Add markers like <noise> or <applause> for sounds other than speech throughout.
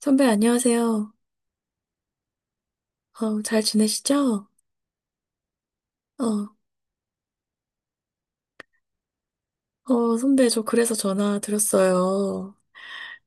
선배, 안녕하세요. 어, 잘 지내시죠? 어, 어, 선배, 저 그래서 전화 드렸어요.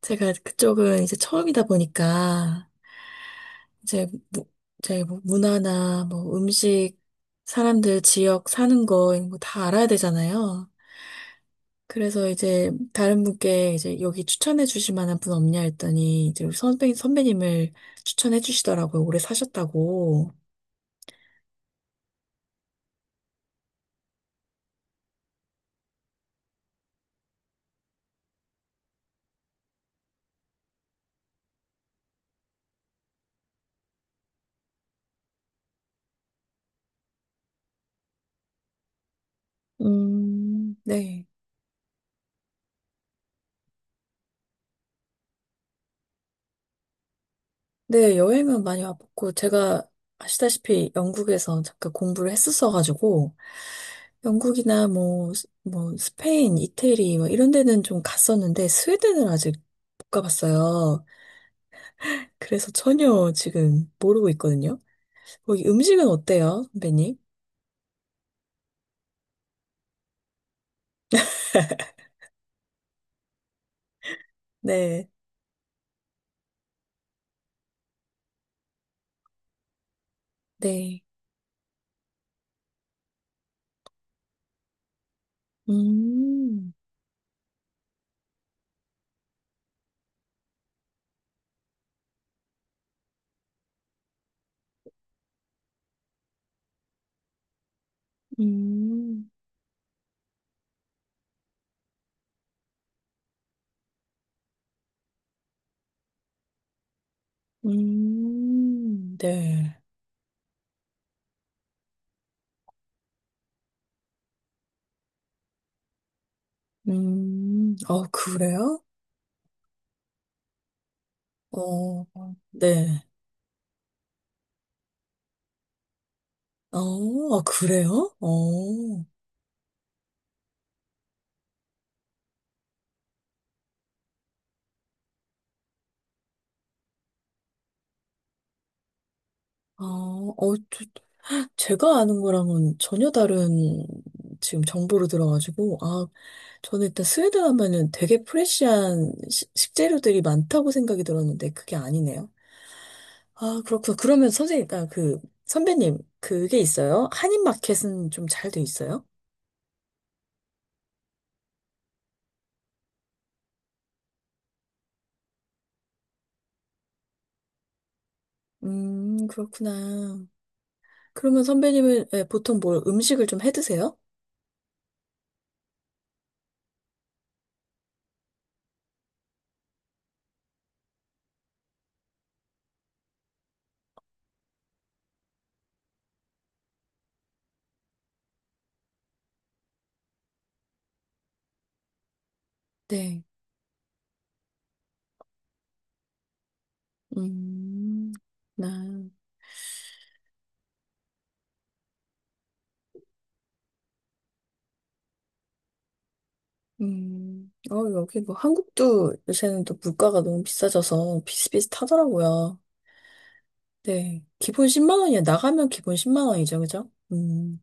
제가 그쪽은 이제 처음이다 보니까, 이제, 제 뭐 문화나 뭐 음식, 사람들 지역 사는 거, 이런 거 다 알아야 되잖아요. 그래서 이제 다른 분께 이제 여기 추천해 주실 만한 분 없냐 했더니, 이제 우리 선배님을 추천해 주시더라고요. 오래 사셨다고. 네. 네, 여행은 많이 와봤고, 제가 아시다시피 영국에서 잠깐 공부를 했었어가지고, 영국이나 뭐, 뭐, 스페인, 이태리, 뭐 이런 데는 좀 갔었는데, 스웨덴은 아직 못 가봤어요. 그래서 전혀 지금 모르고 있거든요. 거기 음식은 어때요, 선배님? 네, 네. 음, 음, 네. 어, 그래요? 어, 네. 어, 아, 그래요? 어, 아, 어, 제가 아는 거랑은 전혀 다른 지금 정보로 들어가지고, 아, 저는 일단 스웨덴 하면은 되게 프레시한 식재료들이 많다고 생각이 들었는데, 그게 아니네요. 아, 그렇구나. 그러면 선생님, 아, 그, 선배님, 그게 있어요? 한인마켓은 좀 잘 돼 있어요? 그렇구나. 그러면 선배님은 예, 보통 뭘 음식을 좀 해 드세요? 네. 음, 나. 어, 여기 뭐 한국도 요새는 또 물가가 너무 비싸져서 비슷비슷하더라고요. 네. 기본 10만 원이야. 나가면 기본 10만 원이죠. 그죠? 음.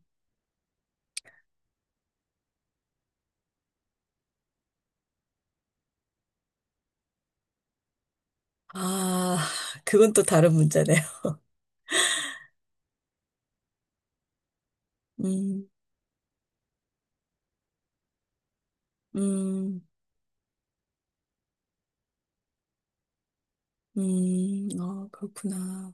아, 그건 또 다른 문제네요. 음, 음, 아, 그렇구나.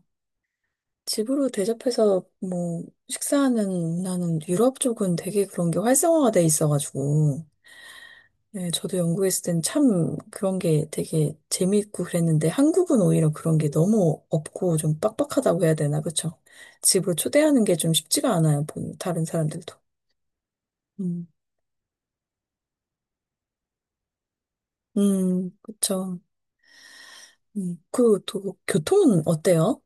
집으로 대접해서 뭐 식사하는 문화는 유럽 쪽은 되게 그런 게 활성화가 돼 있어가지고. 네, 저도 연구했을 땐 참 그런 게 되게 재미있고 그랬는데 한국은 오히려 그런 게 너무 없고 좀 빡빡하다고 해야 되나, 그쵸? 집으로 초대하는 게 좀 쉽지가 않아요, 다른 사람들도. 음, 그쵸. 그리고 또 교통은 어때요?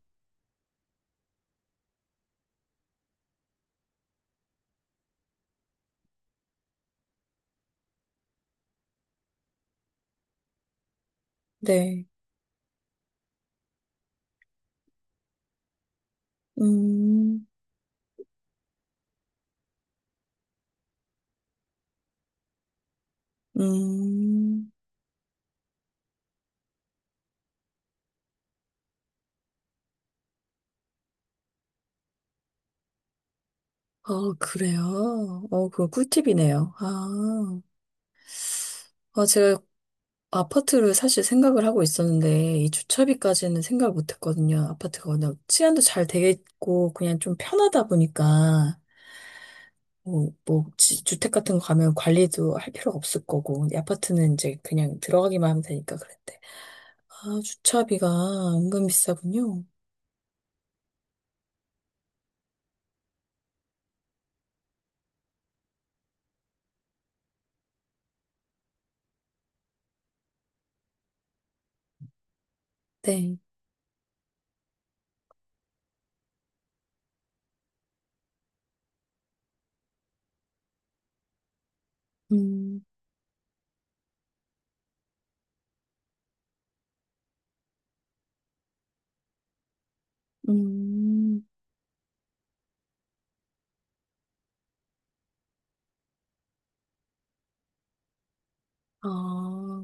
네, 음, 음, 어, 그래요? 어, 그거 꿀팁이네요. 아, 어, 제가 아파트를 사실 생각을 하고 있었는데, 이 주차비까지는 생각을 못 했거든요. 아파트가 워낙 치안도 잘 되어 있고, 그냥 좀 편하다 보니까, 뭐, 뭐, 주택 같은 거 가면 관리도 할 필요가 없을 거고, 근데 아파트는 이제 그냥 들어가기만 하면 되니까 그랬대. 아, 주차비가 은근 비싸군요. 네. 음, 음, 아.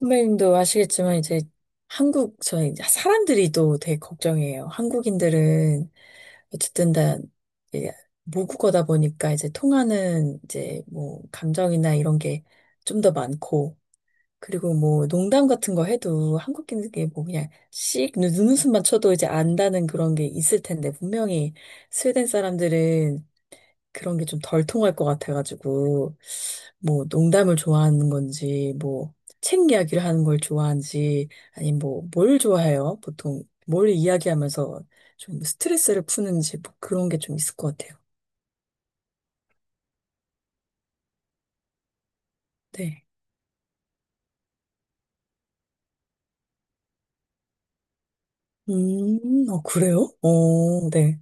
선배님도 아시겠지만, 이제 한국, 저희 사람들이 또 되게 걱정이에요. 한국인들은 어쨌든 다 이제 모국어다 보니까 이제 통하는 이제 뭐 감정이나 이런 게 좀 더 많고 그리고 뭐 농담 같은 거 해도 한국인들께 뭐 그냥 씩 눈웃음만 쳐도 이제 안다는 그런 게 있을 텐데 분명히 스웨덴 사람들은 그런 게 좀 덜 통할 것 같아가지고, 뭐, 농담을 좋아하는 건지, 뭐, 책 이야기를 하는 걸 좋아하는지, 아니, 뭐, 뭘 좋아해요? 보통, 뭘 이야기하면서 좀 스트레스를 푸는지, 뭐 그런 게 좀 있을 것 같아요. 네. 어, 그래요? 어, 네.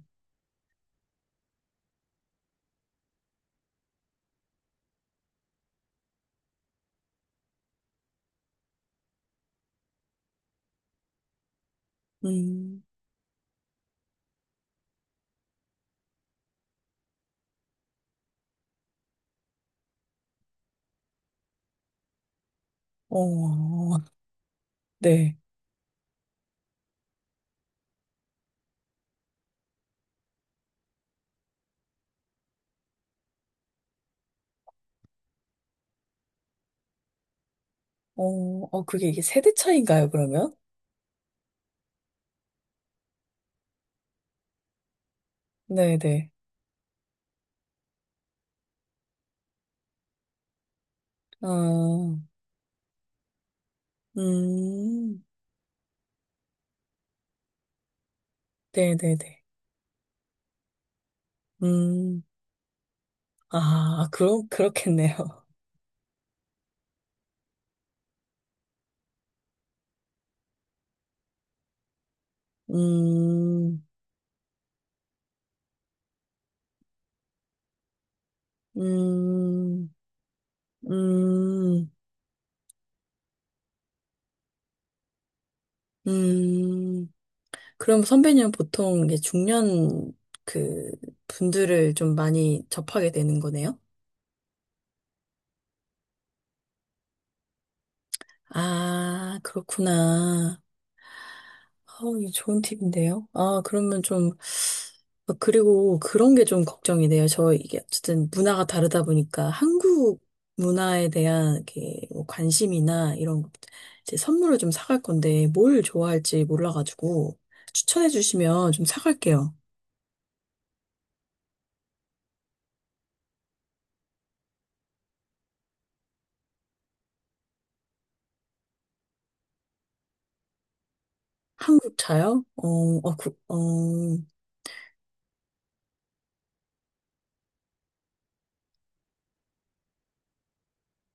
음, 어, 네. 어, 어, 그게 이게 세대 차이인가요, 그러면? 네네. 아, 음, 네네네. 음, 아, 그럼, 그렇겠네요. 음, 음, 음, 음. 그럼 선배님은 보통 이게 중년 그 분들을 좀 많이 접하게 되는 거네요? 아, 그렇구나. 아, 이거 좋은 팁인데요. 아, 그러면 좀, 아, 그리고 그런 게 좀 걱정이 돼요. 저 이게 어쨌든 문화가 다르다 보니까 한국 문화에 대한 이렇게 뭐 관심이나 이런 것, 이제 선물을 좀 사갈 건데 뭘 좋아할지 몰라가지고 추천해 주시면 좀 사갈게요. 한국 차요? 어, 어, 그, 어,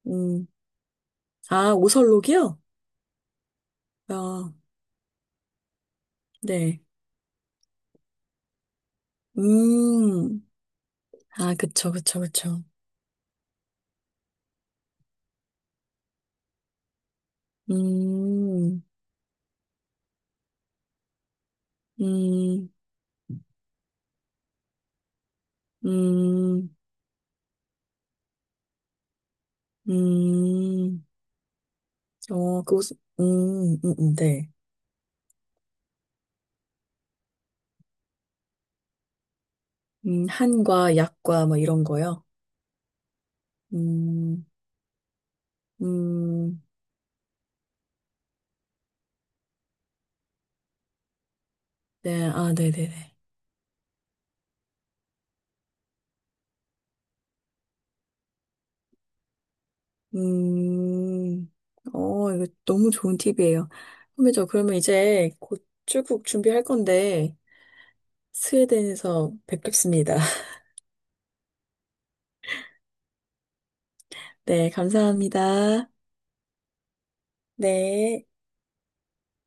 음, 아, 오설록이요? 아, 네. 음, 아, 그쵸, 그쵸, 그쵸. 음, 음. 음, 음, 어, 그곳, 네. 한과 약과 뭐 이런 거요. 음, 음, 네, 아, 네네네. 음, 어, 이거 너무 좋은 팁이에요. 선배저 그러면 이제 곧 출국 준비할 건데, 스웨덴에서 뵙겠습니다. <laughs> 네, 감사합니다. 네.